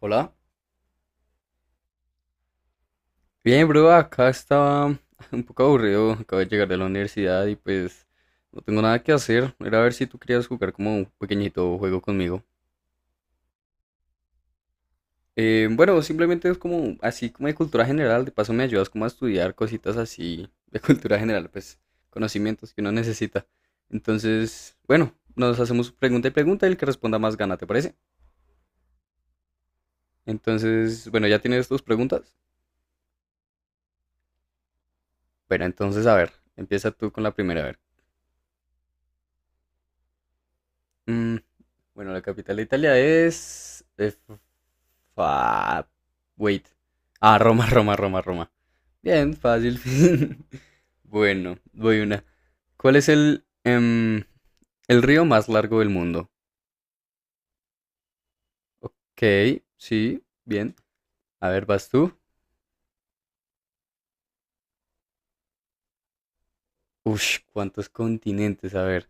Hola. Bien, bro, acá estaba un poco aburrido, acabo de llegar de la universidad y pues no tengo nada que hacer. Era a ver si tú querías jugar como un pequeñito juego conmigo. Bueno, simplemente es como así como de cultura general, de paso me ayudas como a estudiar cositas así de cultura general, pues conocimientos que uno necesita. Entonces, bueno, nos hacemos pregunta y pregunta y el que responda más gana, ¿te parece? Entonces, bueno, ya tienes tus preguntas. Bueno, entonces a ver, empieza tú con la primera, a ver. Mm, Bueno, la capital de Italia es, fa- wait. Ah, Roma, Roma, Roma, Roma. Bien, fácil. Bueno, voy una. ¿Cuál es el el río más largo del mundo? Ok, sí, bien. A ver, ¿vas tú? Ush, ¿cuántos continentes? A ver.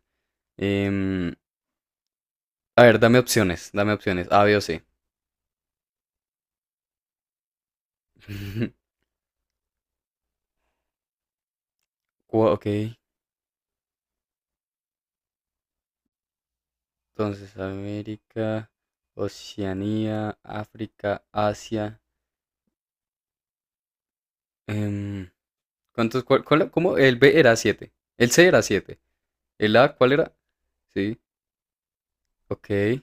em, a ver, dame opciones, dame opciones. A, B o C. Ok, entonces América, Oceanía, África, Asia. Em, ¿Cuántos, cómo? El B era siete. El C era siete. El A, ¿cuál era? Sí, ok.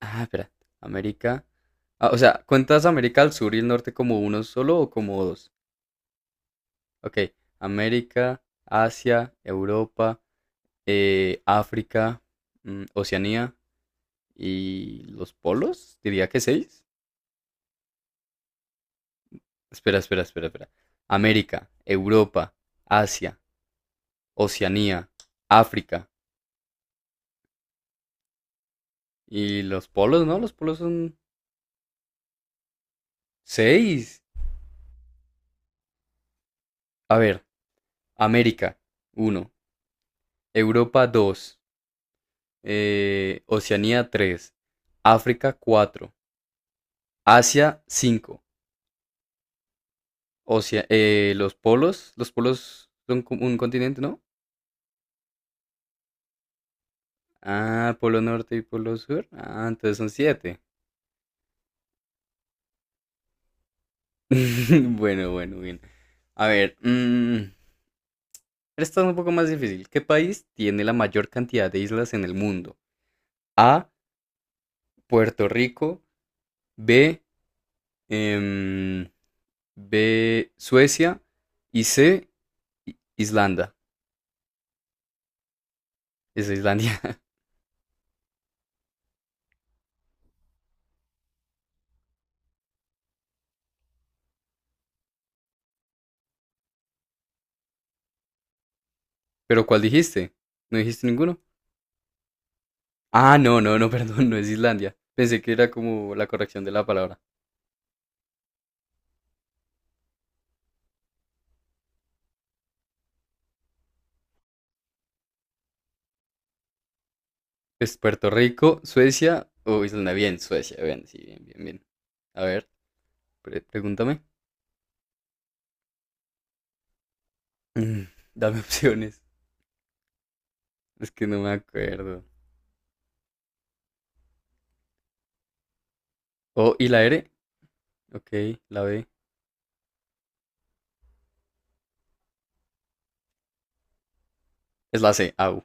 Ah, espera. América. Ah, o sea, ¿cuentas América al sur y el norte como uno solo o como dos? Ok. América, Asia, Europa, África, Oceanía y los polos. Diría que seis. Espera. América, Europa, Asia, Oceanía, África y los polos, ¿no? Los polos son seis. A ver, América, uno. Europa, 2. Oceanía, tres. África, cuatro. Asia, 5. Los polos, los polos son un continente, ¿no? Ah, polo norte y polo sur. Ah, entonces son siete. Bueno, bueno, bien. A ver, mm, esta es un poco más difícil. ¿Qué país tiene la mayor cantidad de islas en el mundo? A, Puerto Rico. B, em, Suecia. Y C, Islanda. Es Islandia. ¿Pero cuál dijiste? ¿No dijiste ninguno? Ah, no, no, no, perdón, no es Islandia. Pensé que era como la corrección de la palabra. Es Puerto Rico, Suecia o Islanda. Bien, Suecia, bien, sí, bien, bien, bien. A ver, pregúntame. Mm, Dame opciones. Es que no me acuerdo. Oh, ¿y la R? Ok, la B. Es la C. Au.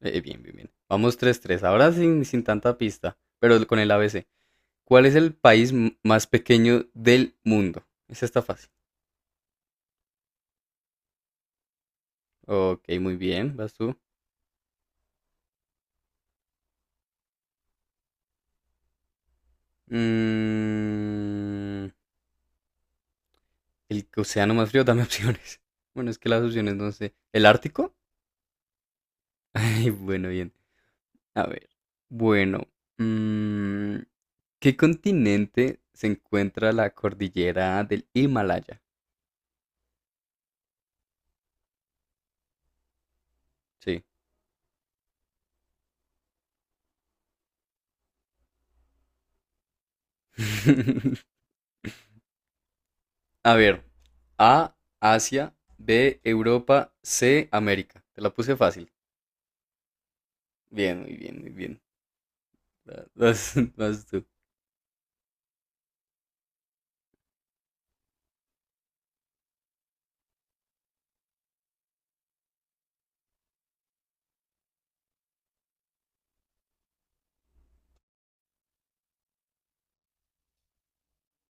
Bien, bien, bien. Vamos tres tres. Ahora sin, sin tanta pista, pero con el A B C. ¿Cuál es el país más pequeño del mundo? Esa está fácil. Ok, muy bien, vas tú. Mm, el océano más frío, dame opciones. Bueno, es que las opciones no sé. ¿El Ártico? Ay, bueno, bien. A ver. Bueno, mm, ¿qué continente se encuentra la cordillera del Himalaya? Sí. A ver. A, Asia. B, Europa. C, América. Te la puse fácil. Bien, muy bien, muy bien. Vas, vas tú.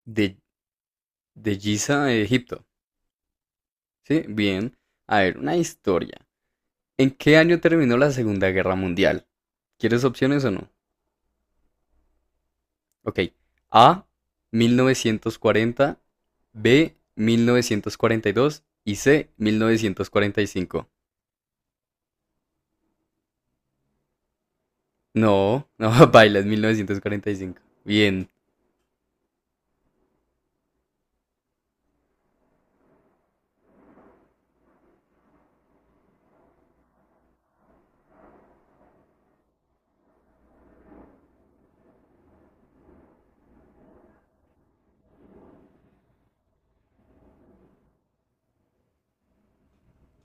De, de Giza a Egipto. Sí, bien. A ver, una historia. ¿En qué año terminó la Segunda Guerra Mundial? ¿Quieres opciones o no? Ok. A, 1940. B, 1942 y dos. Y C, 1945. No, no, baila, es 1945. Bien.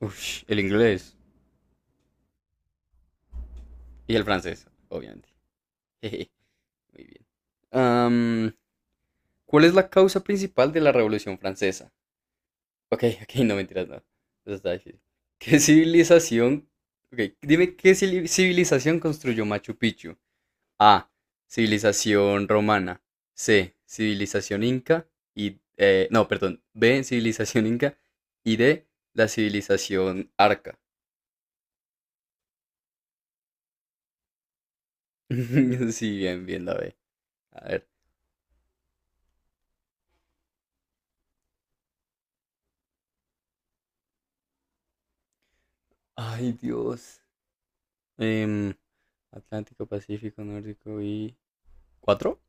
Uf, el inglés y el francés, obviamente. Jeje, muy bien. Am, ¿Cuál es la causa principal de la Revolución Francesa? Ok, ok, no mentiras, no. Eso está difícil. ¿Qué civilización? Ok, dime qué civilización construyó Machu Picchu. A, civilización romana. C, civilización inca. Y no, perdón. B, civilización inca. Y D, la civilización arca. Sí, bien, bien la B. A ver. Ay, Dios. Em, Atlántico, Pacífico, Nórdico y. ¿Cuatro?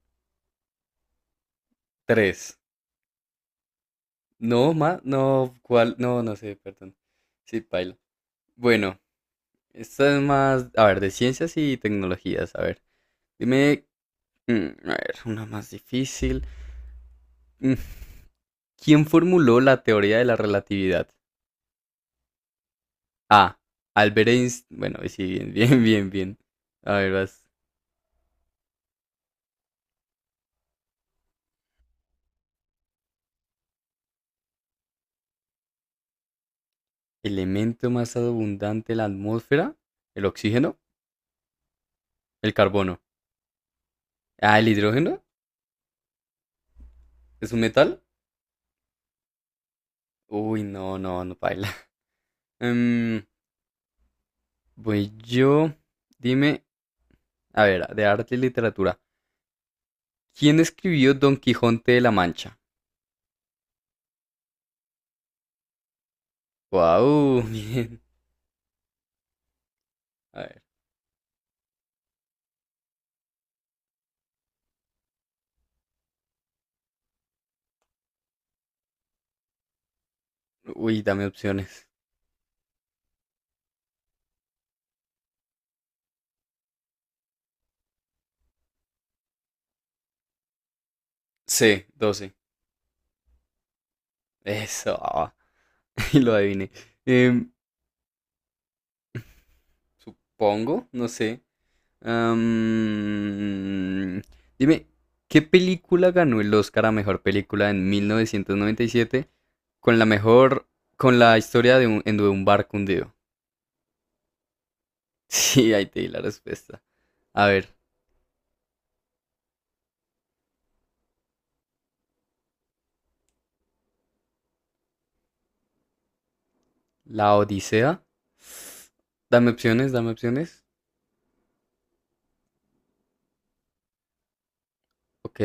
Tres. No, ma, no, ¿cuál? No, no sé, perdón. Sí, paila. Bueno, esta es más, a ver, de ciencias y tecnologías, a ver. Dime, mm, a ver, una más difícil. Mm, ¿Quién formuló la teoría de la relatividad? A, Albert Einstein. Bueno, sí, bien, bien, bien, bien. A ver, vas. Elemento más abundante en la atmósfera, el oxígeno, el carbono. Ah, el hidrógeno, ¿es un metal? Uy, no, no, no, paila. Em, voy yo. Dime, a ver, de arte y literatura. ¿Quién escribió Don Quijote de la Mancha? Wow, bien. A ver. Uy, dame opciones. C, 12. Eso. Y lo adiviné. Em, supongo, no sé. Am, dime, ¿qué película ganó el Oscar a mejor película en 1997 con la mejor con la historia de de un barco hundido? Sí, ahí te di la respuesta. A ver, la Odisea. Dame opciones, dame opciones. Ok,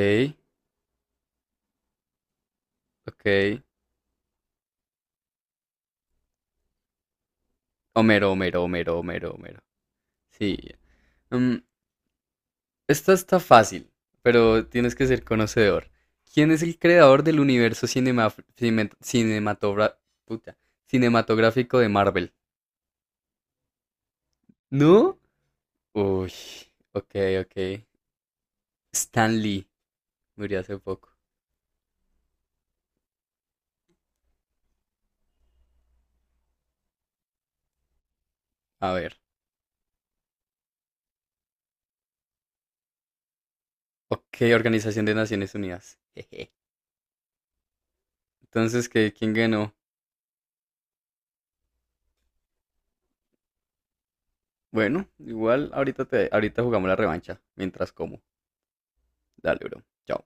ok. Homero, Homero, Homero, Homero, Homero. Sí. Mm, esta está fácil, pero tienes que ser conocedor. ¿Quién es el creador del universo cine- cinematogra- puta, cinematográfico de Marvel? ¿No? Uy, ok, ok. Stan Lee murió hace poco. A ver. Ok, Organización de Naciones Unidas. Jeje. Entonces, ¿qué, ¿quién ganó? Bueno, igual ahorita te, ahorita jugamos la revancha mientras como. Dale, bro. Chao.